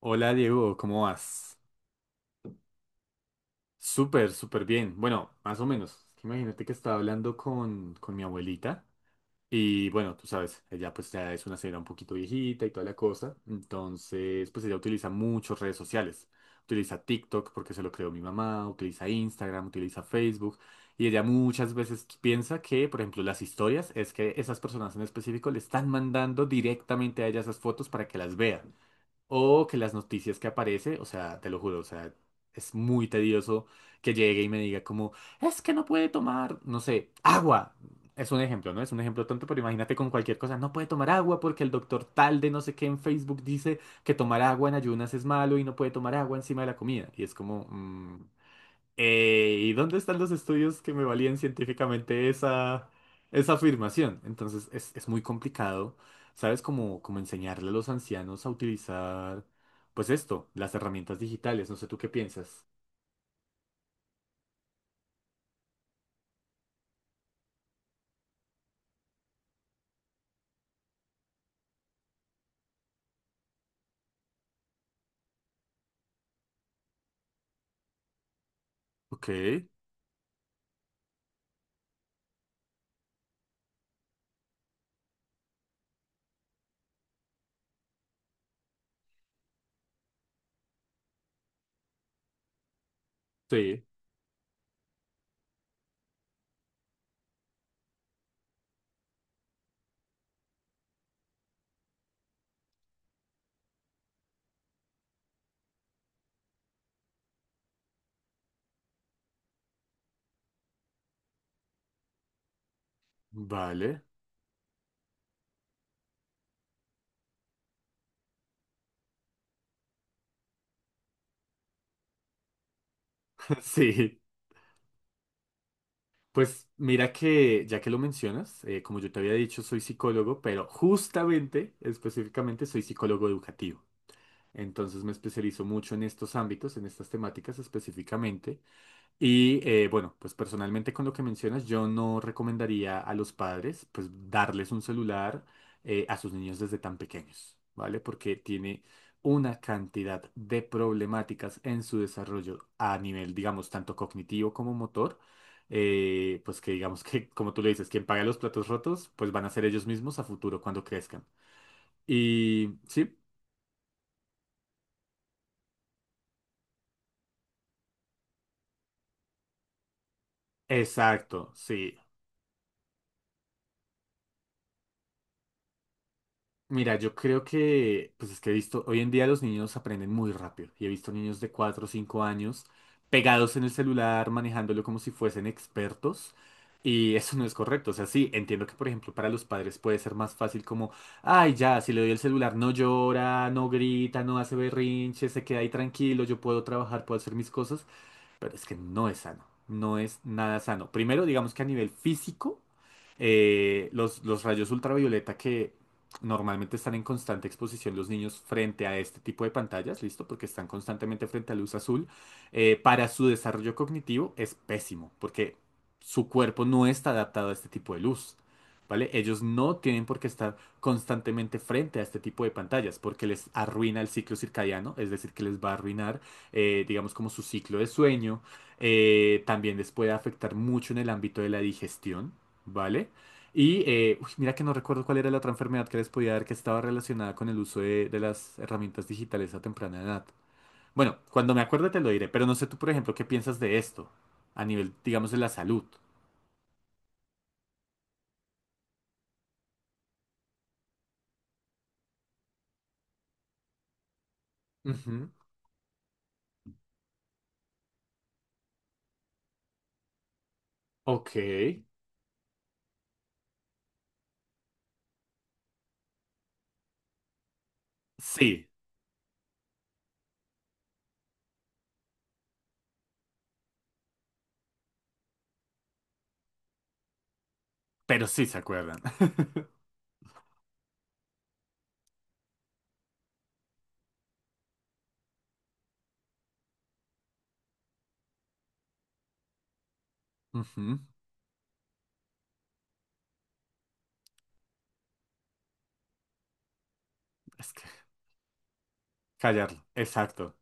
Hola Diego, ¿cómo vas? Súper, súper bien. Bueno, más o menos. Imagínate que estaba hablando con mi abuelita y bueno, tú sabes, ella pues ya es una señora un poquito viejita y toda la cosa. Entonces, pues ella utiliza muchas redes sociales. Utiliza TikTok porque se lo creó mi mamá, utiliza Instagram, utiliza Facebook y ella muchas veces piensa que, por ejemplo, las historias es que esas personas en específico le están mandando directamente a ella esas fotos para que las vea. O que las noticias que aparece, o sea, te lo juro, o sea, es muy tedioso que llegue y me diga como, es que no puede tomar, no sé, agua. Es un ejemplo, ¿no? Es un ejemplo tonto, pero imagínate con cualquier cosa, no puede tomar agua porque el doctor tal de no sé qué en Facebook dice que tomar agua en ayunas es malo y no puede tomar agua encima de la comida. Y es como, ¿y dónde están los estudios que me valían científicamente esa, esa afirmación? Entonces es muy complicado, ¿sabes? Como, como enseñarle a los ancianos a utilizar, pues esto, las herramientas digitales. No sé tú qué piensas. Ok, sí, vale. Sí. Pues mira que, ya que lo mencionas, como yo te había dicho, soy psicólogo, pero justamente, específicamente, soy psicólogo educativo. Entonces me especializo mucho en estos ámbitos, en estas temáticas específicamente. Y bueno, pues personalmente con lo que mencionas, yo no recomendaría a los padres pues darles un celular a sus niños desde tan pequeños, ¿vale? Porque tiene una cantidad de problemáticas en su desarrollo a nivel, digamos, tanto cognitivo como motor, pues que digamos que, como tú le dices, quien paga los platos rotos, pues van a ser ellos mismos a futuro cuando crezcan. Y sí, exacto, sí. Mira, yo creo que, pues es que he visto, hoy en día los niños aprenden muy rápido y he visto niños de 4 o 5 años pegados en el celular, manejándolo como si fuesen expertos y eso no es correcto. O sea, sí, entiendo que, por ejemplo, para los padres puede ser más fácil como, ay, ya, si le doy el celular no llora, no grita, no hace berrinche, se queda ahí tranquilo, yo puedo trabajar, puedo hacer mis cosas, pero es que no es sano, no es nada sano. Primero, digamos que a nivel físico, los rayos ultravioleta que normalmente están en constante exposición los niños frente a este tipo de pantallas, ¿listo? Porque están constantemente frente a luz azul, para su desarrollo cognitivo es pésimo, porque su cuerpo no está adaptado a este tipo de luz. ¿Vale? Ellos no tienen por qué estar constantemente frente a este tipo de pantallas porque les arruina el ciclo circadiano, es decir, que les va a arruinar digamos como su ciclo de sueño. También les puede afectar mucho en el ámbito de la digestión, ¿vale? Y uy, mira que no recuerdo cuál era la otra enfermedad que les podía dar que estaba relacionada con el uso de las herramientas digitales a temprana edad. Bueno, cuando me acuerde te lo diré, pero no sé tú, por ejemplo, qué piensas de esto a nivel, digamos, de la salud. Ujú, ok. Sí, pero sí se acuerdan. Ujú, es que callarlo. Exacto.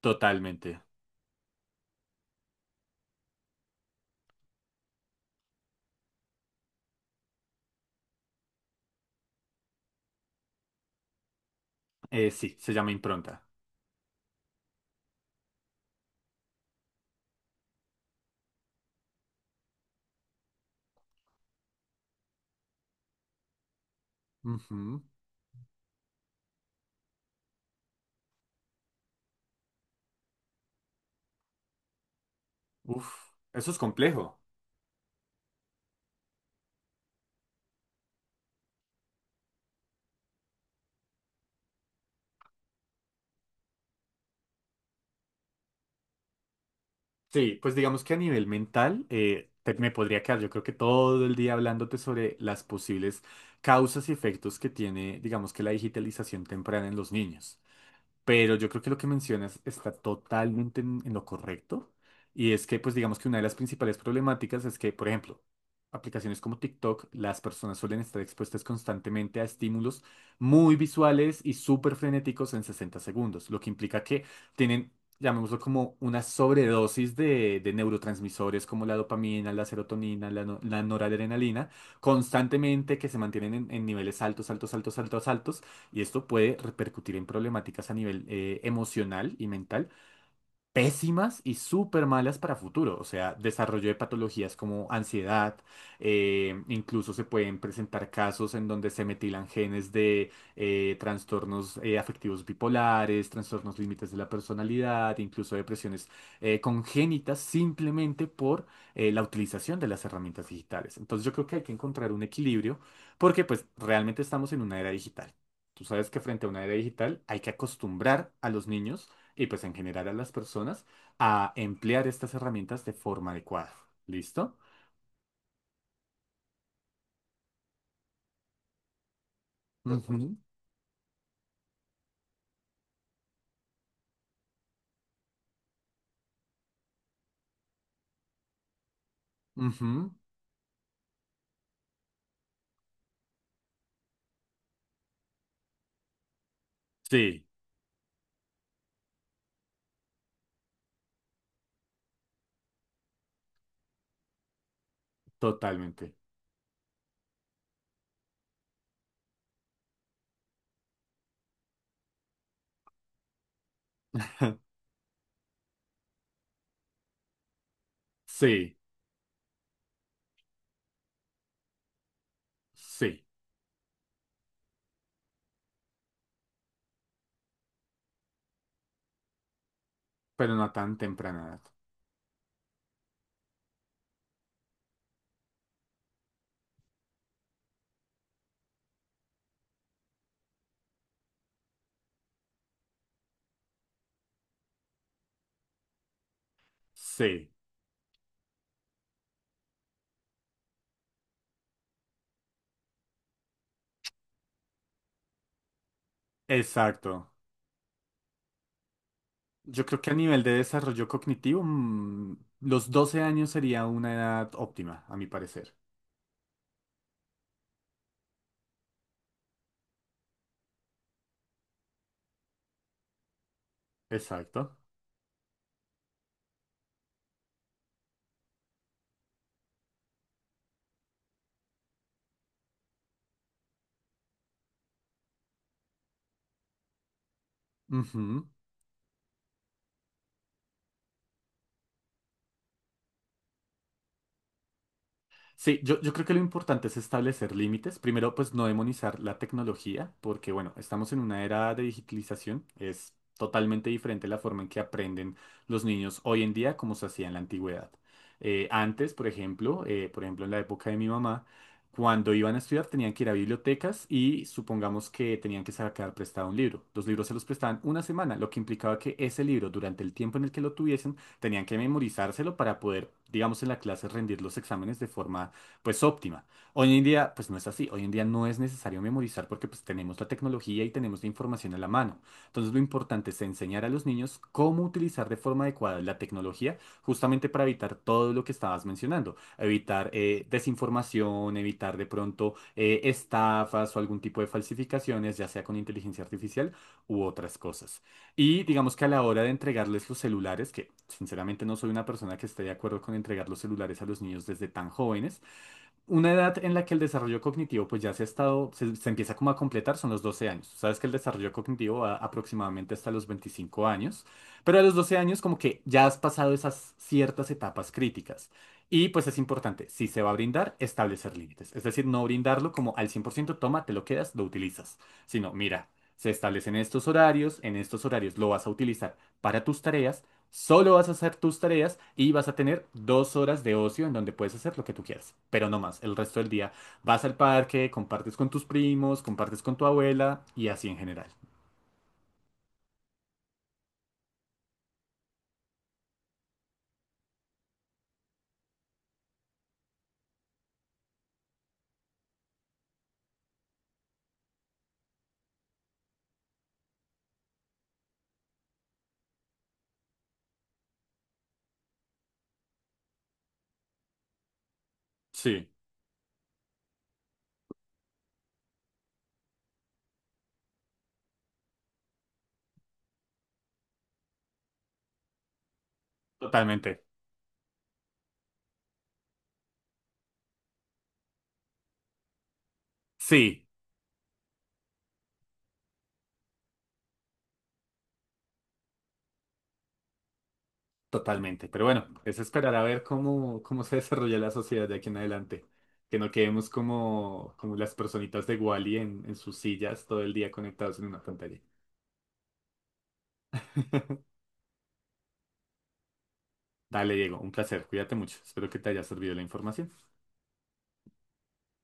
Totalmente. Sí, se llama impronta. Ujú. Uf, eso es complejo. Sí, pues digamos que a nivel mental me podría quedar yo creo que todo el día hablándote sobre las posibles causas y efectos que tiene, digamos que la digitalización temprana en los niños. Pero yo creo que lo que mencionas está totalmente en lo correcto. Y es que, pues digamos que una de las principales problemáticas es que, por ejemplo, aplicaciones como TikTok, las personas suelen estar expuestas constantemente a estímulos muy visuales y súper frenéticos en 60 segundos, lo que implica que tienen, llamémoslo como una sobredosis de neurotransmisores como la dopamina, la serotonina, la, no- la noradrenalina, constantemente que se mantienen en niveles altos, altos, altos, altos, altos. Y esto puede repercutir en problemáticas a nivel emocional y mental pésimas y súper malas para futuro. O sea, desarrollo de patologías como ansiedad, incluso se pueden presentar casos en donde se metilan genes de trastornos afectivos bipolares, trastornos límites de la personalidad, incluso depresiones congénitas simplemente por la utilización de las herramientas digitales. Entonces yo creo que hay que encontrar un equilibrio porque pues realmente estamos en una era digital. Tú sabes que frente a una era digital hay que acostumbrar a los niños y pues en general a las personas a emplear estas herramientas de forma adecuada. ¿Listo? Ujú, ujú. Sí, totalmente. Sí, sí, pero no a tan temprana edad. Sí, exacto. Yo creo que a nivel de desarrollo cognitivo, mm, los 12 años sería una edad óptima, a mi parecer. Exacto. Ujú. Sí, yo creo que lo importante es establecer límites. Primero, pues no demonizar la tecnología, porque bueno, estamos en una era de digitalización. Es totalmente diferente la forma en que aprenden los niños hoy en día como se hacía en la antigüedad. Antes, por ejemplo, en la época de mi mamá, cuando iban a estudiar tenían que ir a bibliotecas y supongamos que tenían que sacar prestado un libro. Los libros se los prestaban una semana, lo que implicaba que ese libro, durante el tiempo en el que lo tuviesen, tenían que memorizárselo para poder, digamos, en la clase rendir los exámenes de forma, pues, óptima. Hoy en día, pues, no es así. Hoy en día no es necesario memorizar porque, pues, tenemos la tecnología y tenemos la información a la mano. Entonces, lo importante es enseñar a los niños cómo utilizar de forma adecuada la tecnología justamente para evitar todo lo que estabas mencionando. Evitar desinformación, evitar de pronto estafas o algún tipo de falsificaciones, ya sea con inteligencia artificial u otras cosas. Y digamos que a la hora de entregarles los celulares, que sinceramente no soy una persona que esté de acuerdo con entregar los celulares a los niños desde tan jóvenes, una edad en la que el desarrollo cognitivo pues ya se ha estado, se empieza como a completar, son los 12 años. Sabes que el desarrollo cognitivo va aproximadamente hasta los 25 años, pero a los 12 años como que ya has pasado esas ciertas etapas críticas. Y pues es importante, si se va a brindar, establecer límites. Es decir, no brindarlo como al 100%, toma, te lo quedas, lo utilizas, sino mira. Se establecen estos horarios, en estos horarios lo vas a utilizar para tus tareas. Solo vas a hacer tus tareas y vas a tener 2 horas de ocio en donde puedes hacer lo que tú quieras, pero no más. El resto del día vas al parque, compartes con tus primos, compartes con tu abuela y así en general. Sí, totalmente. Sí, totalmente. Pero bueno, es esperar a ver cómo, cómo se desarrolla la sociedad de aquí en adelante. Que no quedemos como, como las personitas de Wally en sus sillas todo el día conectados en una pantalla. Dale, Diego, un placer. Cuídate mucho. Espero que te haya servido la información.